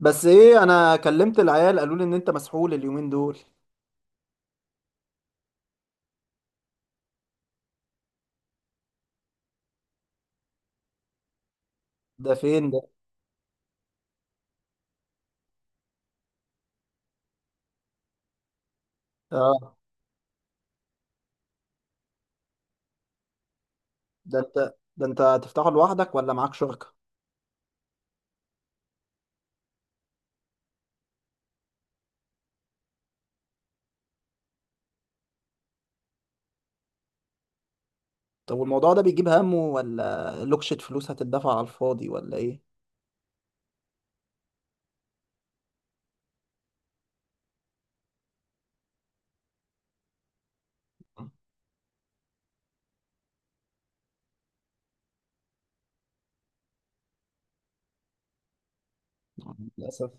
بس ايه، انا كلمت العيال قالوا لي ان انت مسحول اليومين دول. ده فين ده؟ اه. ده انت هتفتحه لوحدك ولا معاك شركة؟ طب والموضوع ده بيجيب همه ولا لوكشة فلوس هتدفع على الفاضي ولا ايه؟ للاسف.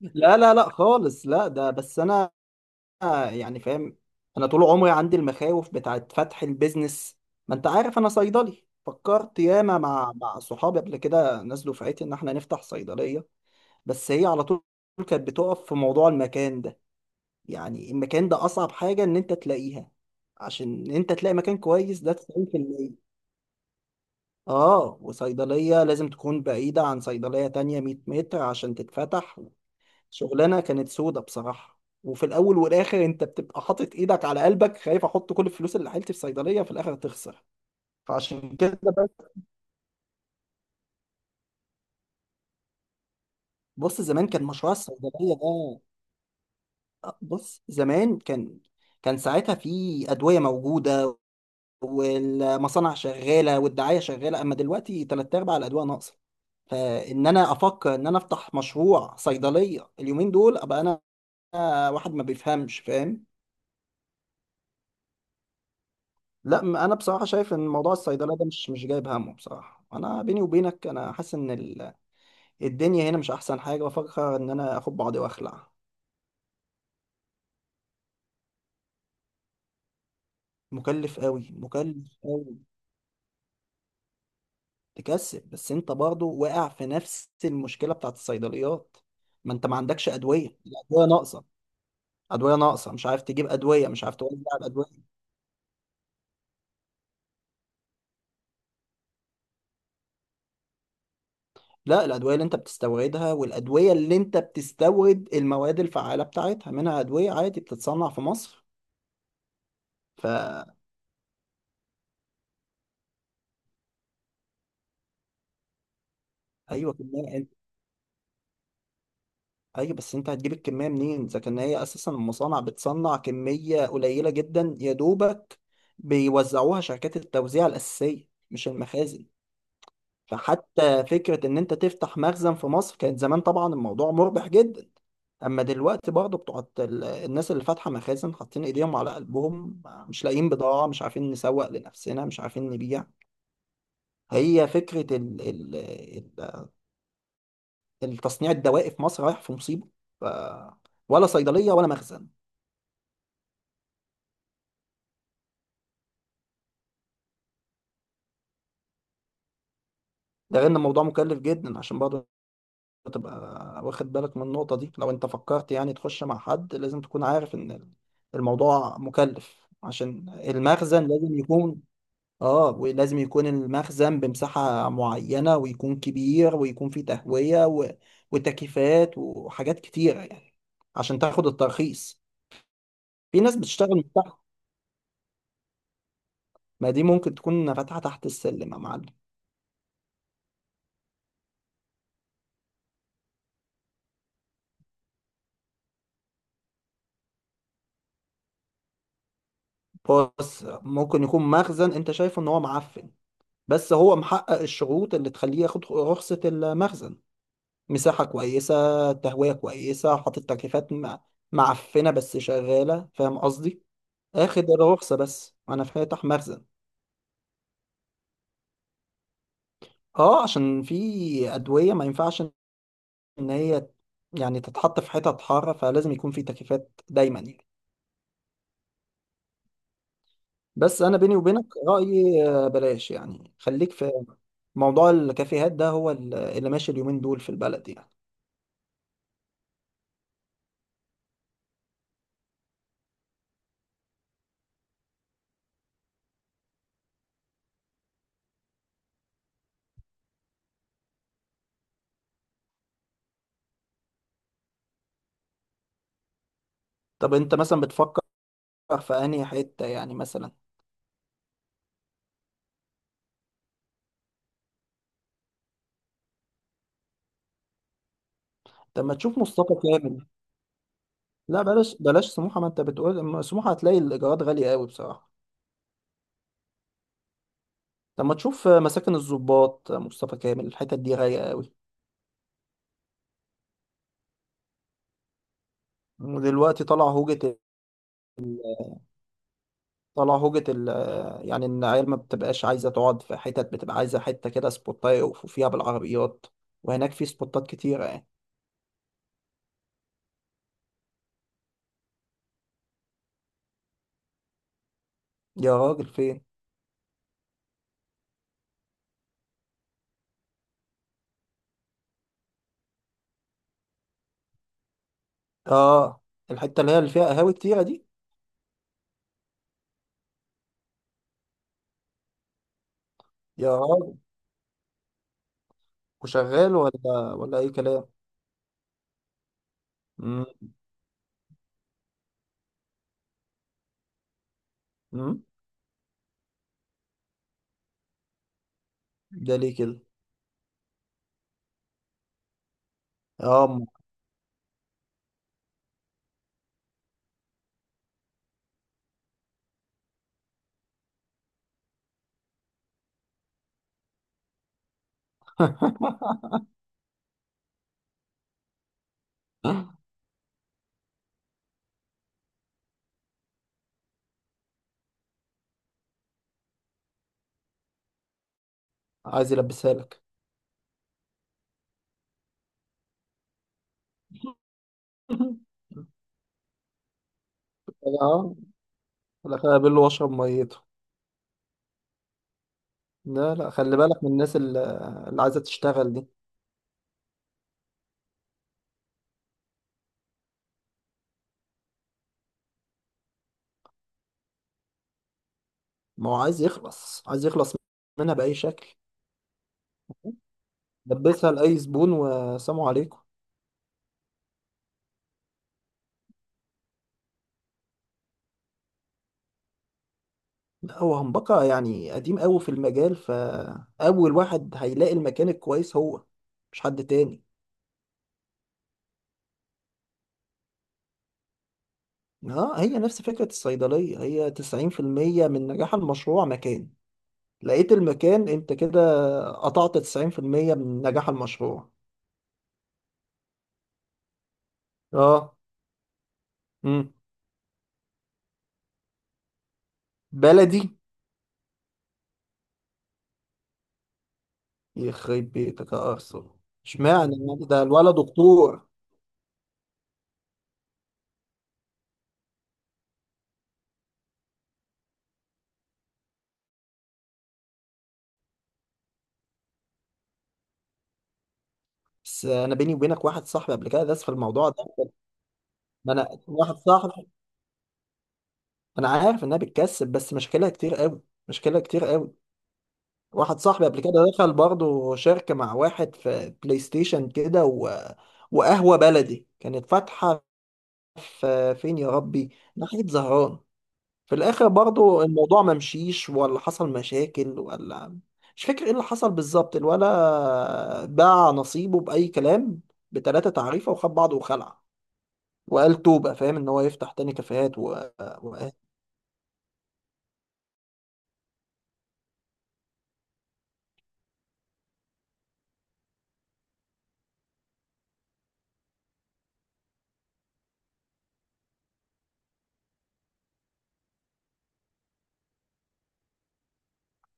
لا لا لا خالص، لا ده بس انا، يعني فاهم. انا طول عمري عندي المخاوف بتاعت فتح البيزنس. ما انت عارف انا صيدلي، فكرت ياما مع صحابي قبل كده، ناس دفعتي، ان احنا نفتح صيدلية. بس هي على طول كانت بتقف في موضوع المكان ده. يعني المكان ده اصعب حاجه ان انت تلاقيها، عشان ان انت تلاقي مكان كويس ده 90%. اه، وصيدليه لازم تكون بعيده عن صيدليه تانية 100 متر عشان تتفتح. شغلانه كانت سودة بصراحه، وفي الاول والاخر انت بتبقى حاطط ايدك على قلبك، خايف احط كل الفلوس اللي حيلتي في صيدليه في الاخر تخسر. فعشان كده بس. بص زمان كان مشروع الصيدليه ده. بص زمان كان. كان ساعتها في ادويه موجوده، والمصانع شغاله والدعايه شغاله، اما دلوقتي تلات ارباع الادويه ناقصه. فان انا افكر ان انا افتح مشروع صيدليه اليومين دول ابقى انا واحد ما بيفهمش، فاهم؟ لا، انا بصراحه شايف ان موضوع الصيدليه ده مش جايب همه. بصراحه انا بيني وبينك، انا حاسس ان الدنيا هنا مش احسن حاجه. بفكر ان انا اخد بعضي واخلع. مكلف قوي، مكلف قوي. تكسب، بس انت برضه واقع في نفس المشكله بتاعت الصيدليات. ما انت ما عندكش ادويه، الادويه ناقصه. ادويه ناقصه، مش عارف تجيب ادويه، مش عارف توزع الادويه. لا، الادويه اللي انت بتستوردها، والادويه اللي انت بتستورد المواد الفعاله بتاعتها، منها ادويه عادي بتتصنع في مصر. فايوه. كميه انت. ايوه، بس انت هتجيب الكميه منين اذا كان هي اساسا المصانع بتصنع كميه قليله جدا يا دوبك، بيوزعوها شركات التوزيع الاساسيه مش المخازن. فحتى فكرة إن أنت تفتح مخزن في مصر كانت زمان طبعا الموضوع مربح جدا، أما دلوقتي برضه بتوع الناس اللي فاتحة مخازن حاطين إيديهم على قلبهم، مش لاقيين بضاعة، مش عارفين نسوق لنفسنا، مش عارفين نبيع. هي فكرة ال التصنيع الدوائي في مصر رايح في مصيبة. ف ولا صيدلية ولا مخزن. ده غير إن الموضوع مكلف جدا، عشان برضه تبقى واخد بالك من النقطة دي. لو انت فكرت يعني تخش مع حد، لازم تكون عارف ان الموضوع مكلف، عشان المخزن لازم يكون. اه، ولازم يكون المخزن بمساحة معينة، ويكون كبير، ويكون فيه تهوية وتكييفات وحاجات كتيرة يعني، عشان تاخد الترخيص. في ناس بتشتغل من تحت، ما دي ممكن تكون فاتحة تحت السلم يا معلم. بص، ممكن يكون مخزن انت شايفه ان هو معفن، بس هو محقق الشروط اللي تخليه ياخد رخصة المخزن، مساحة كويسة، تهوية كويسة، حاطط تكييفات، معفنة بس شغالة، فاهم قصدي؟ اخد الرخصة، بس انا فاتح مخزن. اه عشان في ادوية ما ينفعش ان هي يعني تتحط في حتت حارة، فلازم يكون في تكييفات دايما يعني. بس انا بيني وبينك رأيي، بلاش يعني، خليك في موضوع الكافيهات ده، هو اللي ماشي اليومين دول في البلد يعني. طب انت مثلا بتفكر في انهي حتة يعني مثلا؟ طب ما تشوف مصطفى كامل. لا، بلاش بلاش سموحة، ما انت بتقول، أما سموحة هتلاقي الإيجارات غالية قوي بصراحة. طب ما تشوف مساكن الضباط، مصطفى كامل، الحتت دي غالية قوي. ودلوقتي طلع هوجة. طلع هوجة ال يعني إن العيال ما بتبقاش عايزة تقعد في حتت، بتبقى عايزة حتة كده سبوتاية يقفوا فيها بالعربيات، وهناك في سبوتات كتيرة يعني. يا راجل فين؟ آه. الحتة اللي هي اللي فيها قهاوي كتيرة دي؟ يا راجل. وشغال ولا أي كلام؟ مم. مم. ده ليه كده؟ آه، عايز يلبسها لك. اه، في الاخر اقابله واشرب ميته. لا لا، خلي بالك من الناس اللي عايزه تشتغل دي. ما هو عايز يخلص، عايز يخلص منها باي شكل، لبسها لاي زبون وسلام عليكم. لا، هو همبكه يعني قديم قوي في المجال، فاول واحد هيلاقي المكان الكويس هو، مش حد تاني. اه، هي نفس فكره الصيدليه، هي 90% من نجاح المشروع مكان. لقيت المكان انت كده قطعت 90% من نجاح المشروع. اه. امم. بلدي. يخرب بيتك يا ارسنال. اشمعنى يعني ده الولد دكتور؟ بس انا بيني وبينك واحد صاحبي قبل كده داس في الموضوع ده. ما انا واحد صاحبي، انا عارف انها بتكسب بس مشاكلها كتير قوي، مشاكلها كتير قوي. واحد صاحبي قبل كده دخل برضه شركه مع واحد في بلاي ستيشن كده وقهوه بلدي كانت فاتحه في فين يا ربي، ناحيه زهران. في الاخر برضو الموضوع ما مشيش، ولا حصل مشاكل، ولا مش فاكر ايه اللي حصل بالظبط، الولا باع نصيبه باي كلام، بتلاتة تعريفه، وخد بعضه وخلع، وقال توبة، فاهم، ان هو يفتح تاني كافيهات و...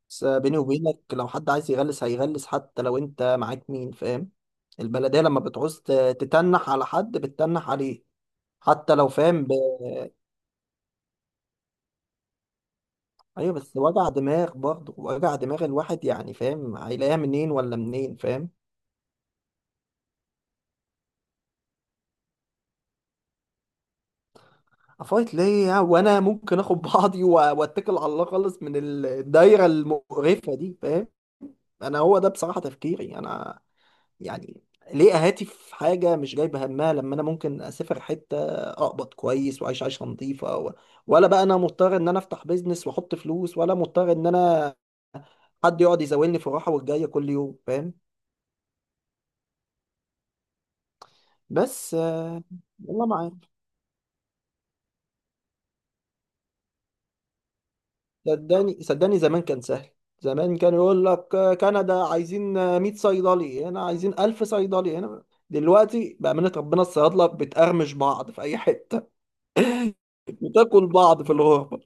بس بيني وبينك لو حد عايز يغلس هيغلس، حتى لو انت معاك مين، فاهم. البلدية لما بتعوز تتنح على حد بتتنح عليه، حتى لو فاهم. ايوه، بس وجع دماغ برضه، وجع دماغ الواحد يعني، فاهم، هيلاقيها منين ولا منين، فاهم. افايت ليه وانا ممكن اخد بعضي واتكل على الله خالص من الدايره المقرفه دي، فاهم. انا هو ده بصراحه تفكيري انا، يعني ليه اهاتي في حاجه مش جايبه همها، لما انا ممكن اسافر حته اقبض كويس واعيش عيشه نظيفه ولا بقى انا مضطر ان انا افتح بيزنس واحط فلوس، ولا مضطر ان انا حد يقعد يزاولني في الراحه والجايه كل يوم، فاهم. بس والله معاك. صدقني صدقني زمان كان سهل. زمان كان يقول لك كندا عايزين، 100 صيدلي هنا، عايزين 1000 صيدلي هنا. دلوقتي بأمانة ربنا الصيادلة بتقرمش بعض في أي حتة، وتاكل بعض في الغربة.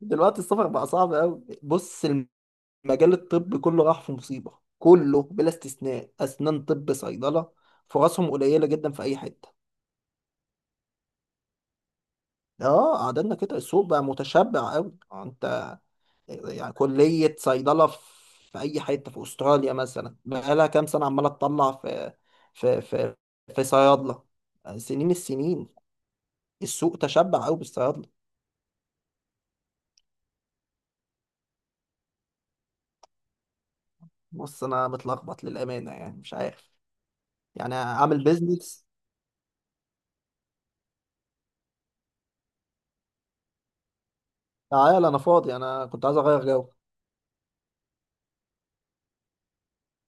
دلوقتي السفر بقى صعب أوي. بص، المجال الطبي كله راح في مصيبة، كله بلا استثناء، أسنان، طب، صيدلة، فرصهم قليلة جدا في أي حتة. اه قعدنا كده السوق بقى متشبع أوي، انت يعني كلية صيدلة في أي حتة في أستراليا مثلا بقالها كام سنة عمالة تطلع في في في صيادلة السنين، السوق تشبع أوي بالصيادلة. بص أنا متلخبط للأمانة يعني، مش عارف يعني أعمل بيزنس. تعال أنا فاضي، أنا كنت عايز أغير جو.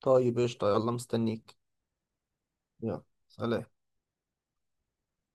طيب قشطة، يلا مستنيك. يلا، سلام.